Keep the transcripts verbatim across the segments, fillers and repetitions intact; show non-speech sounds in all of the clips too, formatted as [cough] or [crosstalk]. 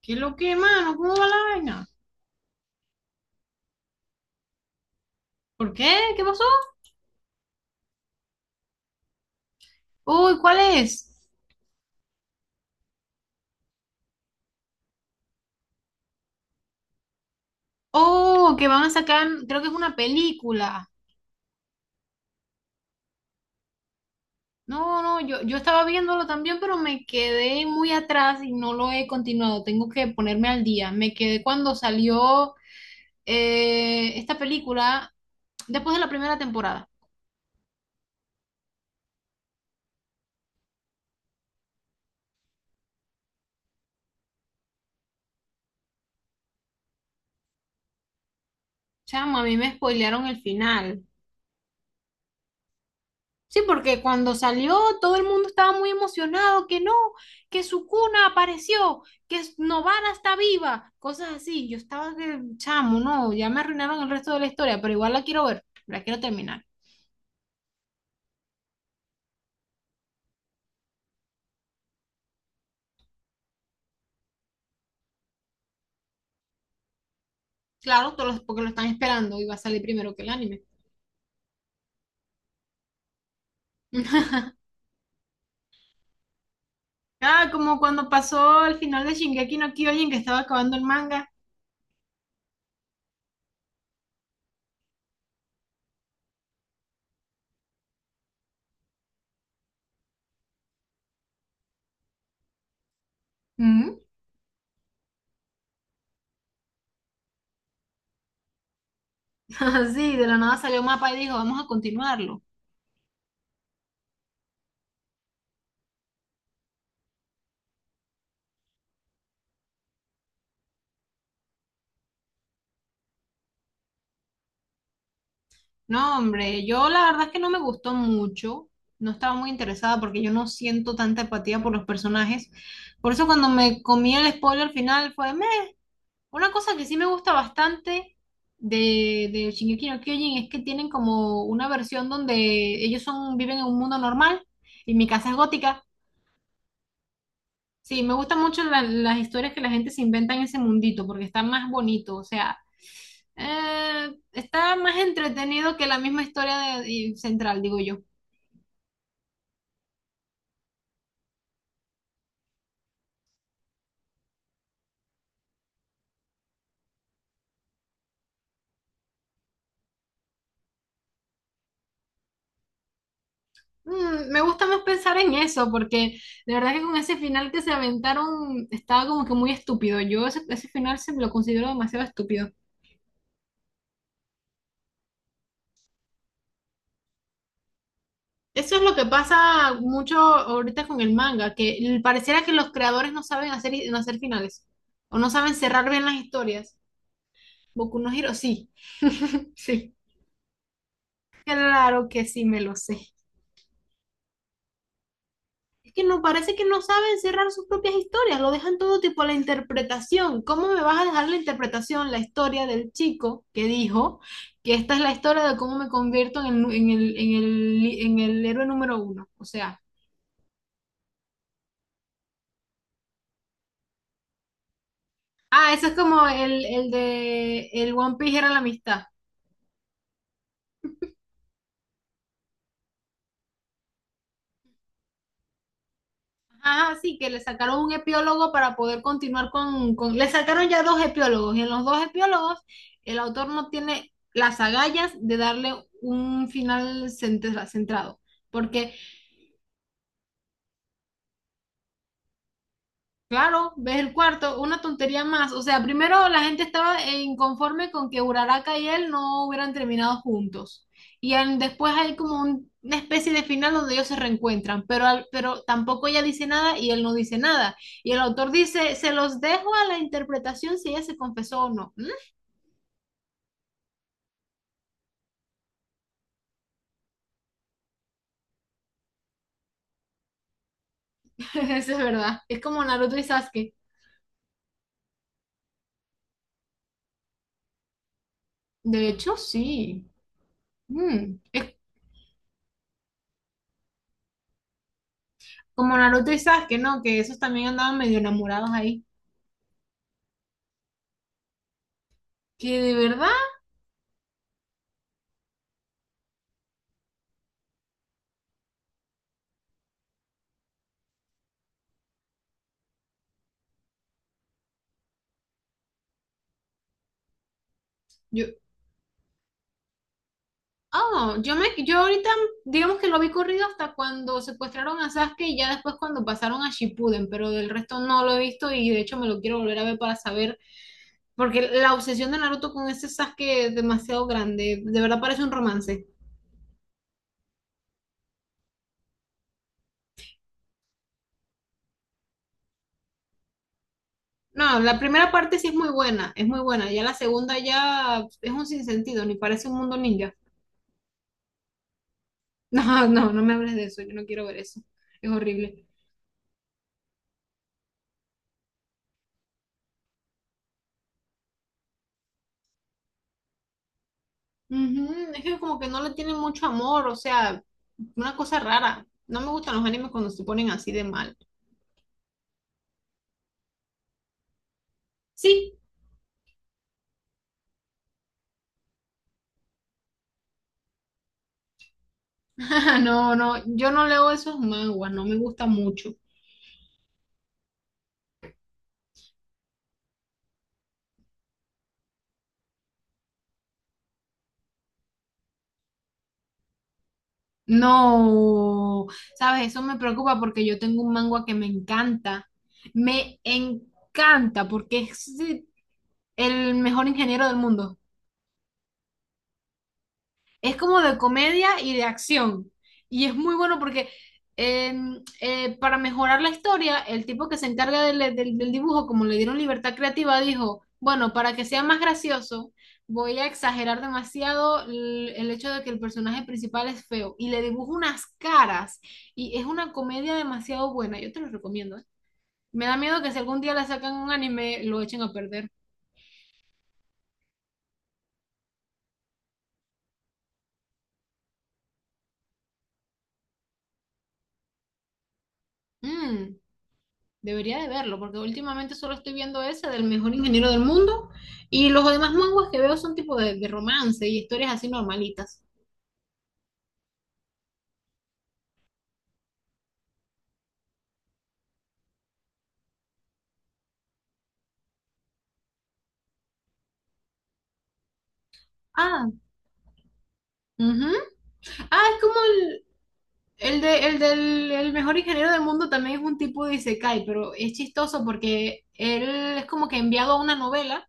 ¿Qué lo que, mano? ¿Cómo va la vaina? ¿Por qué? ¿Qué pasó? Uy, ¿cuál es? Oh, que van a sacar, creo que es una película. No, no, yo, yo estaba viéndolo también, pero me quedé muy atrás y no lo he continuado. Tengo que ponerme al día. Me quedé cuando salió eh, esta película después de la primera temporada. O sea, a mí me spoilearon el final. Sí, porque cuando salió todo el mundo estaba muy emocionado, que no, que su cuna apareció, que s- Novara está viva, cosas así. Yo estaba que, chamo, no, ya me arruinaron el resto de la historia, pero igual la quiero ver, la quiero terminar. Claro, todos los- porque lo están esperando y va a salir primero que el anime. [laughs] Ah, como cuando pasó el final de Shingeki no Kyojin que estaba acabando el manga. Ujú. Así, [laughs] de la nada salió mapa y dijo, vamos a continuarlo. No, hombre, yo la verdad es que no me gustó mucho, no estaba muy interesada porque yo no siento tanta empatía por los personajes. Por eso cuando me comí el spoiler final fue "Meh". Una cosa que sí me gusta bastante de, de Shingeki no Kyojin es que tienen como una versión donde ellos son, viven en un mundo normal y mi casa es gótica. Sí, me gustan mucho la- las historias que la gente se inventa en ese mundito porque está más bonito, o sea, eh, está más entretenido que la misma historia de- y central, digo yo. Mm, me gusta más pensar en eso, porque de verdad que con ese final que se aventaron estaba como que muy estúpido. Yo ese, ese final se lo considero demasiado estúpido. Eso es lo que pasa mucho ahorita con el manga, que l- pareciera que los creadores no saben hacer, no hacer finales, o no saben cerrar bien las historias. Boku no Hero, sí. [laughs] Sí. Claro que sí, me lo sé. Que no parece que no saben cerrar sus propias historias, lo dejan todo tipo a la interpretación. ¿Cómo me vas a dejar la interpretación, la historia del chico que dijo que esta es la historia de cómo me convierto en el, en el, en el, en el héroe número uno? O sea, ah, eso es como el, el de el One Piece era la amistad. Ah, sí, que le sacaron un epiólogo para poder continuar con, con- Le sacaron ya dos epiólogos y en los dos epiólogos el autor no tiene las agallas de darle un final centra- centrado, porque claro, ves el cuarto, una tontería más. O sea, primero la gente estaba eh, inconforme con que Uraraka y él no hubieran terminado juntos. Y en- después hay como un- una especie de final donde ellos se reencuentran, pero, al- pero tampoco ella dice nada y él no dice nada. Y el autor dice, se los dejo a la interpretación si ella se confesó o no. ¿Mm? [laughs] Eso es verdad. Es como Naruto y Sasuke. De hecho, sí. Mm. Es como Naruto y Sasuke, ¿no? Que esos también andaban medio enamorados ahí. Que de verdad... Yo, Oh, yo me, yo ahorita digamos que lo vi corrido hasta cuando secuestraron a Sasuke y ya después cuando pasaron a Shippuden, pero del resto no lo he visto y de hecho me lo quiero volver a ver para saber, porque la obsesión de Naruto con ese Sasuke es demasiado grande, de verdad parece un romance. No, la primera parte sí es muy buena, es muy buena, ya la segunda ya es un sinsentido, ni parece un mundo ninja. [laughs] No, no, no me hables de eso, yo no quiero ver eso, es horrible. Ujú. Es que como que no le tienen mucho amor, o sea, una cosa rara. No me gustan los animes cuando se ponen así de mal. Sí, [laughs] no, no, yo no leo esos manguas, no me gusta mucho. No, sabes, eso me preocupa porque yo tengo un mangua que me encanta, me encanta porque es el mejor ingeniero del mundo. Es como de comedia y de acción. Y es muy bueno porque em, eh, para mejorar la historia, el tipo que se encarga del, del- del dibujo, como le dieron libertad creativa, dijo, bueno, para que sea más gracioso, voy a exagerar demasiado el, el hecho de que el personaje principal es feo. Y le dibujo unas caras. Y es una comedia demasiado buena. Yo te lo recomiendo, ¿eh? Me da miedo que si algún día le sacan un anime, lo echen a perder. Mm. Debería de verlo, porque últimamente solo estoy viendo ese del mejor ingeniero del mundo y los demás manguas que veo son tipo de, de romance y historias así normalitas. Ah. Ujú. Ah, es como El, de, el del el mejor ingeniero del mundo también es un tipo de isekai, pero es chistoso porque él es como que enviado a una novela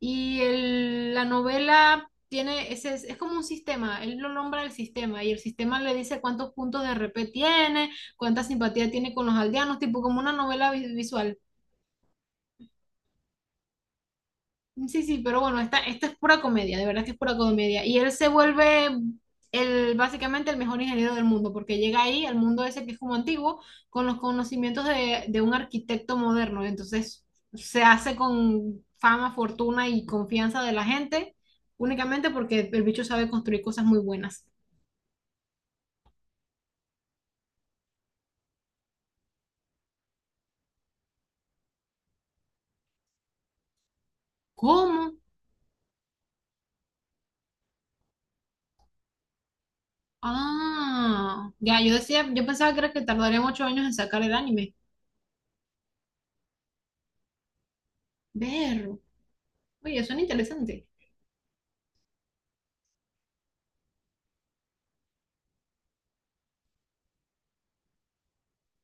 y el- la novela tiene, ese, es como un sistema, él lo nombra el sistema y el sistema le dice cuántos puntos de R P tiene, cuánta simpatía tiene con los aldeanos, tipo como una novela vi- visual. Sí, sí, pero bueno, esta, esta es pura comedia, de verdad que es pura comedia. Y él se vuelve el, básicamente el mejor ingeniero del mundo, porque llega ahí al mundo ese que es como antiguo, con los conocimientos de, de un arquitecto moderno. Entonces se hace con fama, fortuna y confianza de la gente, únicamente porque el bicho sabe construir cosas muy buenas. ¿Cómo? Ah, ya, yo decía, yo pensaba que era que tardarían ocho años en sacar el anime. Ver, oye, suena interesante.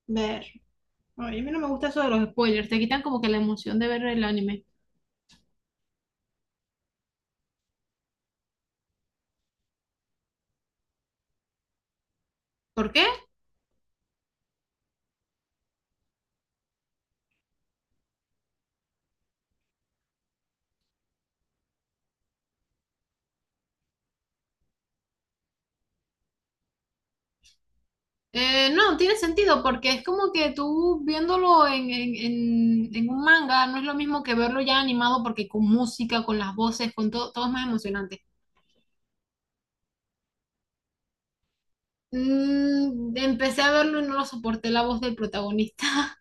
Ver. Ay, a mí no me gusta eso de los spoilers, te quitan como que la emoción de ver el anime. ¿Por qué? Eh, no, tiene sentido, porque es como que tú viéndolo en, en, en- en un manga no es lo mismo que verlo ya animado, porque con música, con las voces, con todo, todo es más emocionante. Mm, empecé a verlo y no lo soporté la voz del protagonista. [laughs]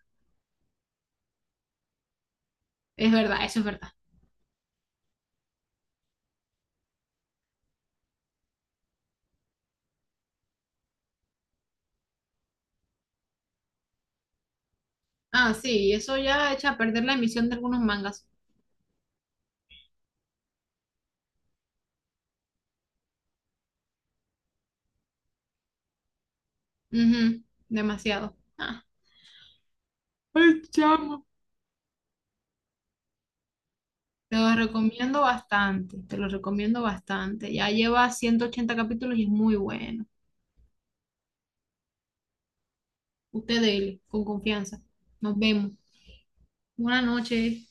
Es verdad, eso es verdad. Ah, sí, eso ya echa a perder la emisión de algunos mangas. Ujú, demasiado. Ah. Te lo recomiendo bastante, te lo recomiendo bastante. Ya lleva ciento ochenta capítulos y es muy bueno. Usted dele, con confianza. Nos vemos. Buenas noches.